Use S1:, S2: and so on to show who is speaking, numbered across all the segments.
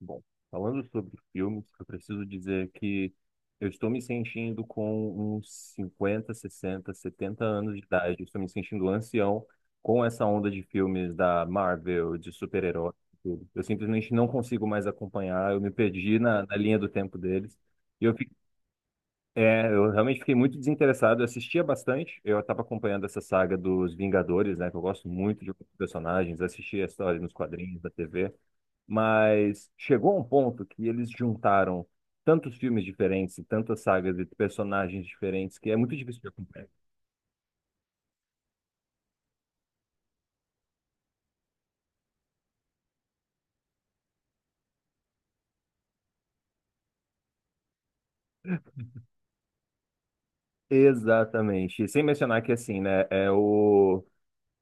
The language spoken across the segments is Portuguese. S1: Bom, falando sobre filmes, eu preciso dizer que eu estou me sentindo com uns 50 60 70 anos de idade. Eu estou me sentindo ancião com essa onda de filmes da Marvel, de super-heróis e tudo. Eu simplesmente não consigo mais acompanhar. Eu me perdi na linha do tempo deles. E eu, fi- eu realmente fiquei muito desinteressado. Eu assistia bastante. Eu estava acompanhando essa saga dos Vingadores, né? Que eu gosto muito de alguns personagens. Assistia a história nos quadrinhos da TV. Mas chegou a um ponto que eles juntaram tantos filmes diferentes, e tantas sagas e personagens diferentes, que é muito difícil de acompanhar. Exatamente. E sem mencionar que, assim, né, é o,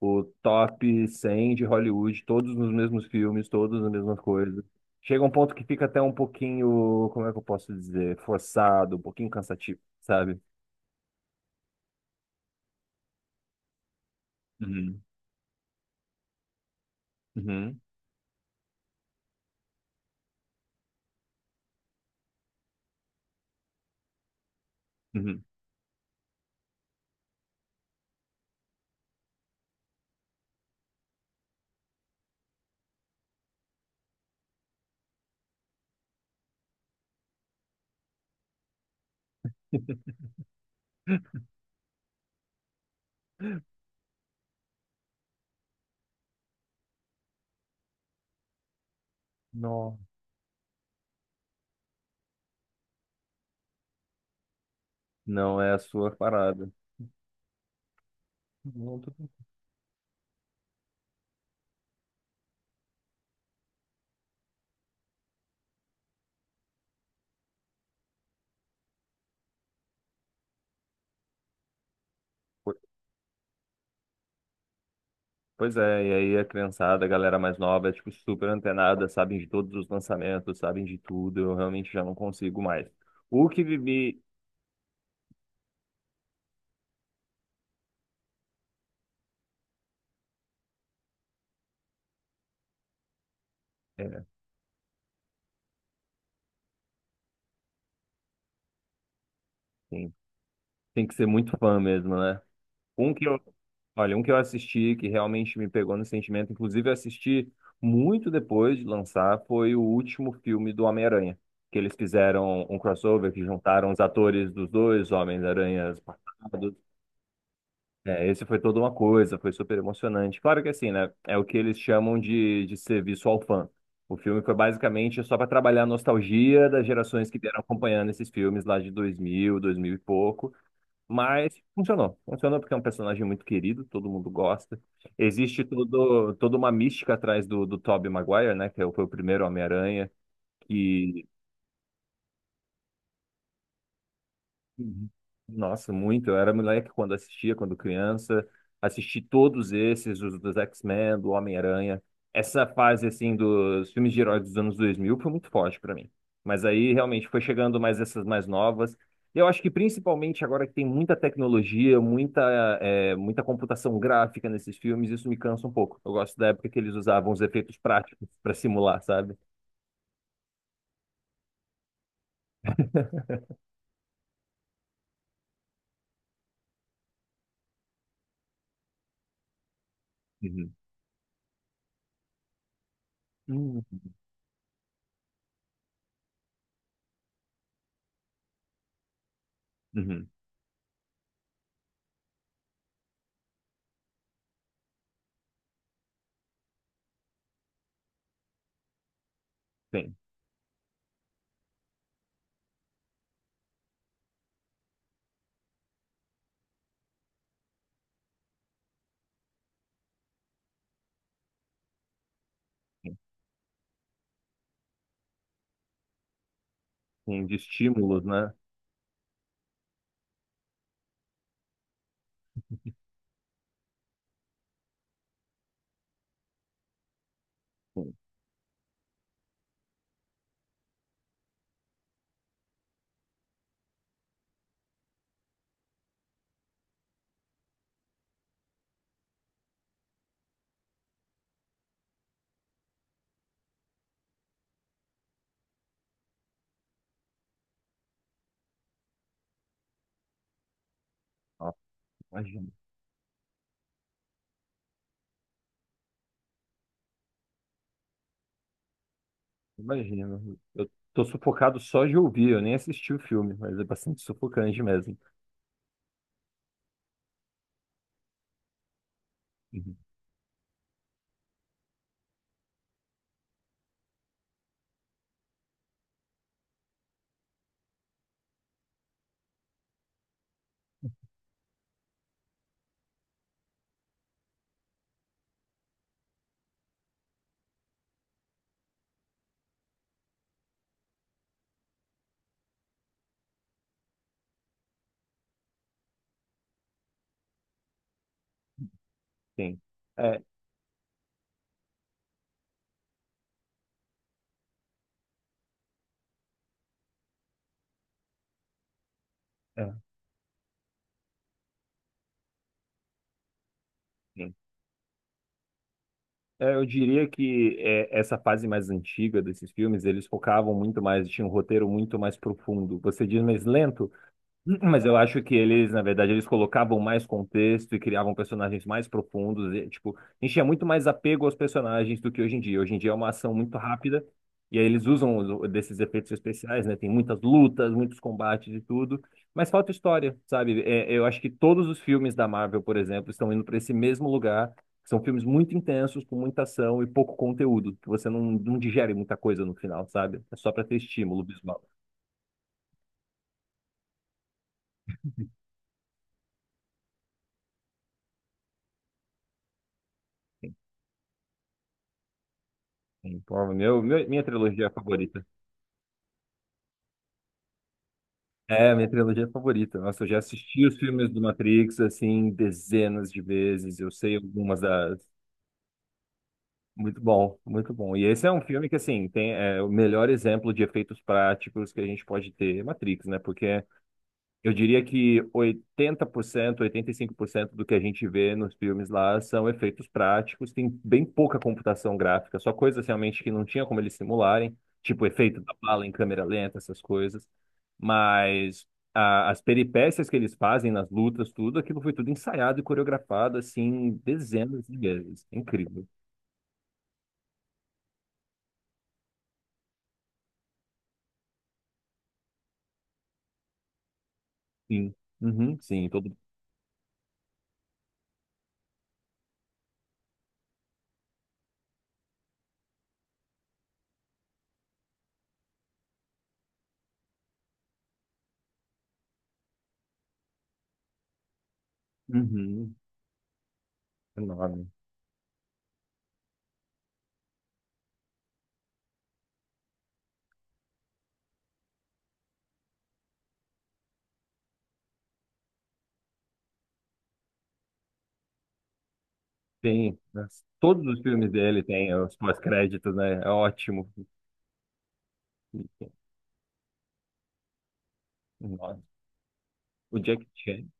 S1: o top 100 de Hollywood, todos nos mesmos filmes, todos nas mesmas coisas. Chega um ponto que fica até um pouquinho, como é que eu posso dizer, forçado, um pouquinho cansativo, sabe? Uhum, uhum, uhum. Não, não é a sua parada. Não, tudo bem. Pois é, e aí a criançada, a galera mais nova, é tipo super antenada, sabem de todos os lançamentos, sabem de tudo, eu realmente já não consigo mais. O que vivi, assim, tem que ser muito fã mesmo, né? Um que eu, olha, um que eu assisti que realmente me pegou no sentimento, inclusive eu assisti muito depois de lançar, foi o último filme do Homem-Aranha, que eles fizeram um crossover que juntaram os atores dos dois Homens-Aranhas passados. É, esse foi toda uma coisa, foi super emocionante. Claro que assim, né? É o que eles chamam de serviço ao fã. O filme foi basicamente só para trabalhar a nostalgia das gerações que vieram acompanhando esses filmes lá de 2000, 2000 e pouco. Mas funcionou. Funcionou porque é um personagem muito querido, todo mundo gosta. Existe todo, toda uma mística atrás do Tobey Maguire, né? Que é foi o primeiro Homem-Aranha. Que Uhum. Nossa, muito. Eu era moleque quando assistia, quando criança. Assisti todos esses, os dos X-Men, do Homem-Aranha. Essa fase, assim, dos filmes de heróis dos anos 2000 foi muito forte pra mim. Mas aí, realmente, foi chegando mais essas mais novas. E eu acho que, principalmente agora que tem muita tecnologia, muita computação gráfica nesses filmes, isso me cansa um pouco. Eu gosto da época que eles usavam os efeitos práticos pra simular, sabe? Uhum. Uhum. Uhum. Tem. Tem de estímulos, né? Sim. Imagina, imagina. Eu tô sufocado só de ouvir, eu nem assisti o filme, mas é bastante sufocante mesmo. Uhum. Sim. É, é, sim. É, eu diria que essa fase mais antiga desses filmes, eles focavam muito mais, tinha um roteiro muito mais profundo. Você diz mais lento? Mas eu acho que eles, na verdade, eles colocavam mais contexto e criavam personagens mais profundos. E, tipo, enchia muito mais apego aos personagens do que hoje em dia. Hoje em dia é uma ação muito rápida e aí eles usam desses efeitos especiais, né? Tem muitas lutas, muitos combates e tudo, mas falta história, sabe? É, eu acho que todos os filmes da Marvel, por exemplo, estão indo para esse mesmo lugar. São filmes muito intensos, com muita ação e pouco conteúdo, que você não digere muita coisa no final, sabe? É só para ter estímulo visual. Sim, sim. Pô, minha trilogia favorita. É, a minha trilogia favorita. Nossa, eu já assisti os filmes do Matrix, assim, dezenas de vezes. Eu sei algumas das. Muito bom, muito bom. E esse é um filme que, assim, tem o melhor exemplo de efeitos práticos que a gente pode ter, é Matrix, né? Porque eu diria que oitenta por cento, 85% do que a gente vê nos filmes lá são efeitos práticos, tem bem pouca computação gráfica, só coisas realmente que não tinha como eles simularem, tipo efeito da bala em câmera lenta, essas coisas. Mas as peripécias que eles fazem nas lutas, tudo, aquilo foi tudo ensaiado e coreografado, assim, dezenas de vezes. É incrível. Sim. Uhum, sim, todo. Uhum, enorme. Tem, né? Todos os filmes dele têm os pós-créditos, né? É ótimo. Nossa. O Jack Chan,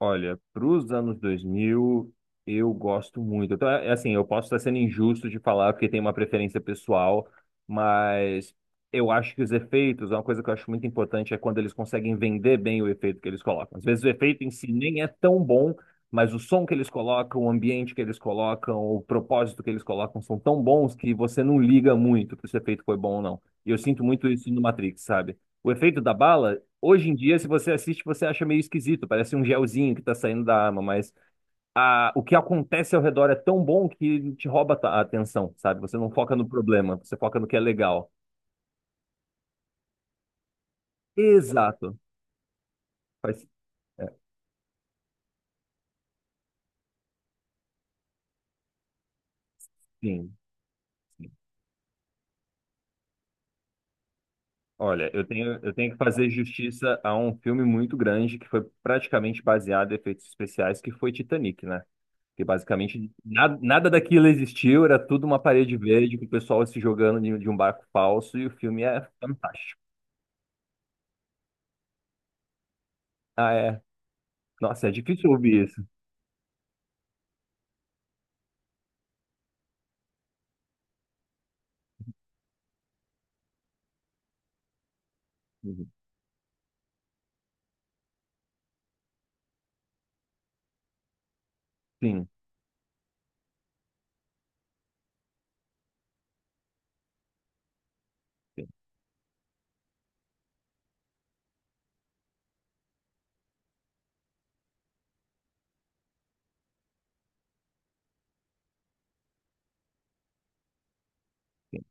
S1: olha, para os anos 2000, eu gosto muito. Então, assim, eu posso estar sendo injusto de falar porque tem uma preferência pessoal, mas eu acho que os efeitos, uma coisa que eu acho muito importante é quando eles conseguem vender bem o efeito que eles colocam. Às vezes o efeito em si nem é tão bom, mas o som que eles colocam, o ambiente que eles colocam, o propósito que eles colocam são tão bons que você não liga muito se o efeito foi bom ou não. E eu sinto muito isso no Matrix, sabe? O efeito da bala. Hoje em dia, se você assiste, você acha meio esquisito, parece um gelzinho que tá saindo da arma, mas o que acontece ao redor é tão bom que te rouba a atenção, sabe? Você não foca no problema, você foca no que é legal. Exato. Faz, é, sim, sim. Olha, eu tenho que fazer justiça a um filme muito grande que foi praticamente baseado em efeitos especiais, que foi Titanic, né? Que basicamente nada, nada daquilo existiu, era tudo uma parede verde com o pessoal se jogando de um barco falso e o filme é fantástico. Ah, é. Nossa, é difícil ouvir isso. Uhum. Sim, sim, sim.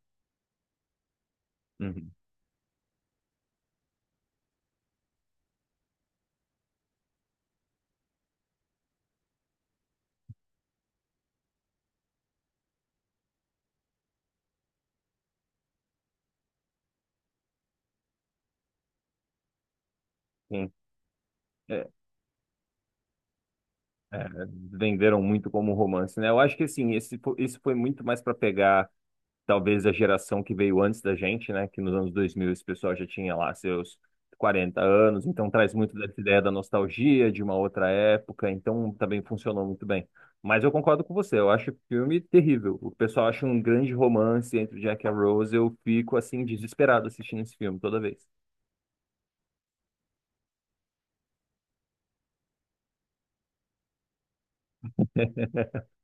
S1: Uhum, sim. É, é, venderam muito como romance, né? Eu acho que assim, isso foi muito mais para pegar, talvez, a geração que veio antes da gente, né? Que nos anos 2000 esse pessoal já tinha lá seus 40 anos, então traz muito dessa ideia da nostalgia de uma outra época, então também funcionou muito bem. Mas eu concordo com você, eu acho o filme terrível. O pessoal acha um grande romance entre o Jack e a Rose, eu fico assim desesperado assistindo esse filme toda vez.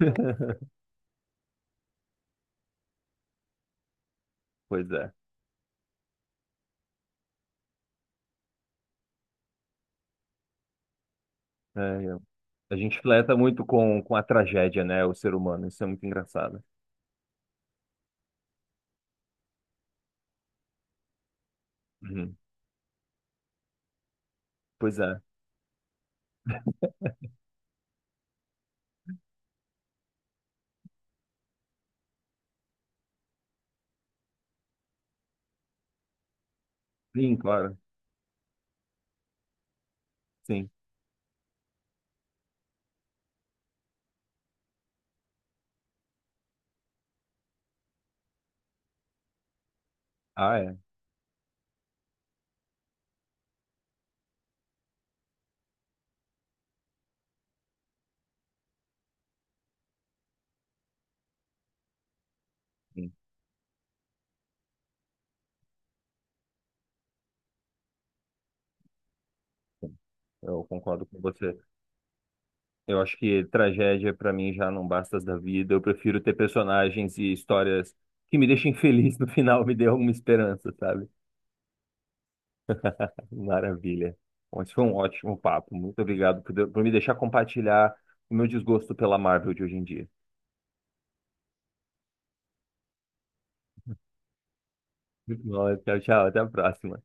S1: Pois é. É, a gente fleta muito com a tragédia, né? O ser humano. Isso é muito engraçado. Uhum. Pois é. Sim, claro. Sim. Ah, é. Sim, sim. Eu concordo com você. Eu acho que tragédia, pra mim, já não basta da vida. Eu prefiro ter personagens e histórias que me deixem feliz no final, me dê alguma esperança, sabe? Maravilha. Bom, esse foi um ótimo papo. Muito obrigado por, por me deixar compartilhar o meu desgosto pela Marvel de hoje em dia. Muito bom. Tchau, tchau. Até a próxima.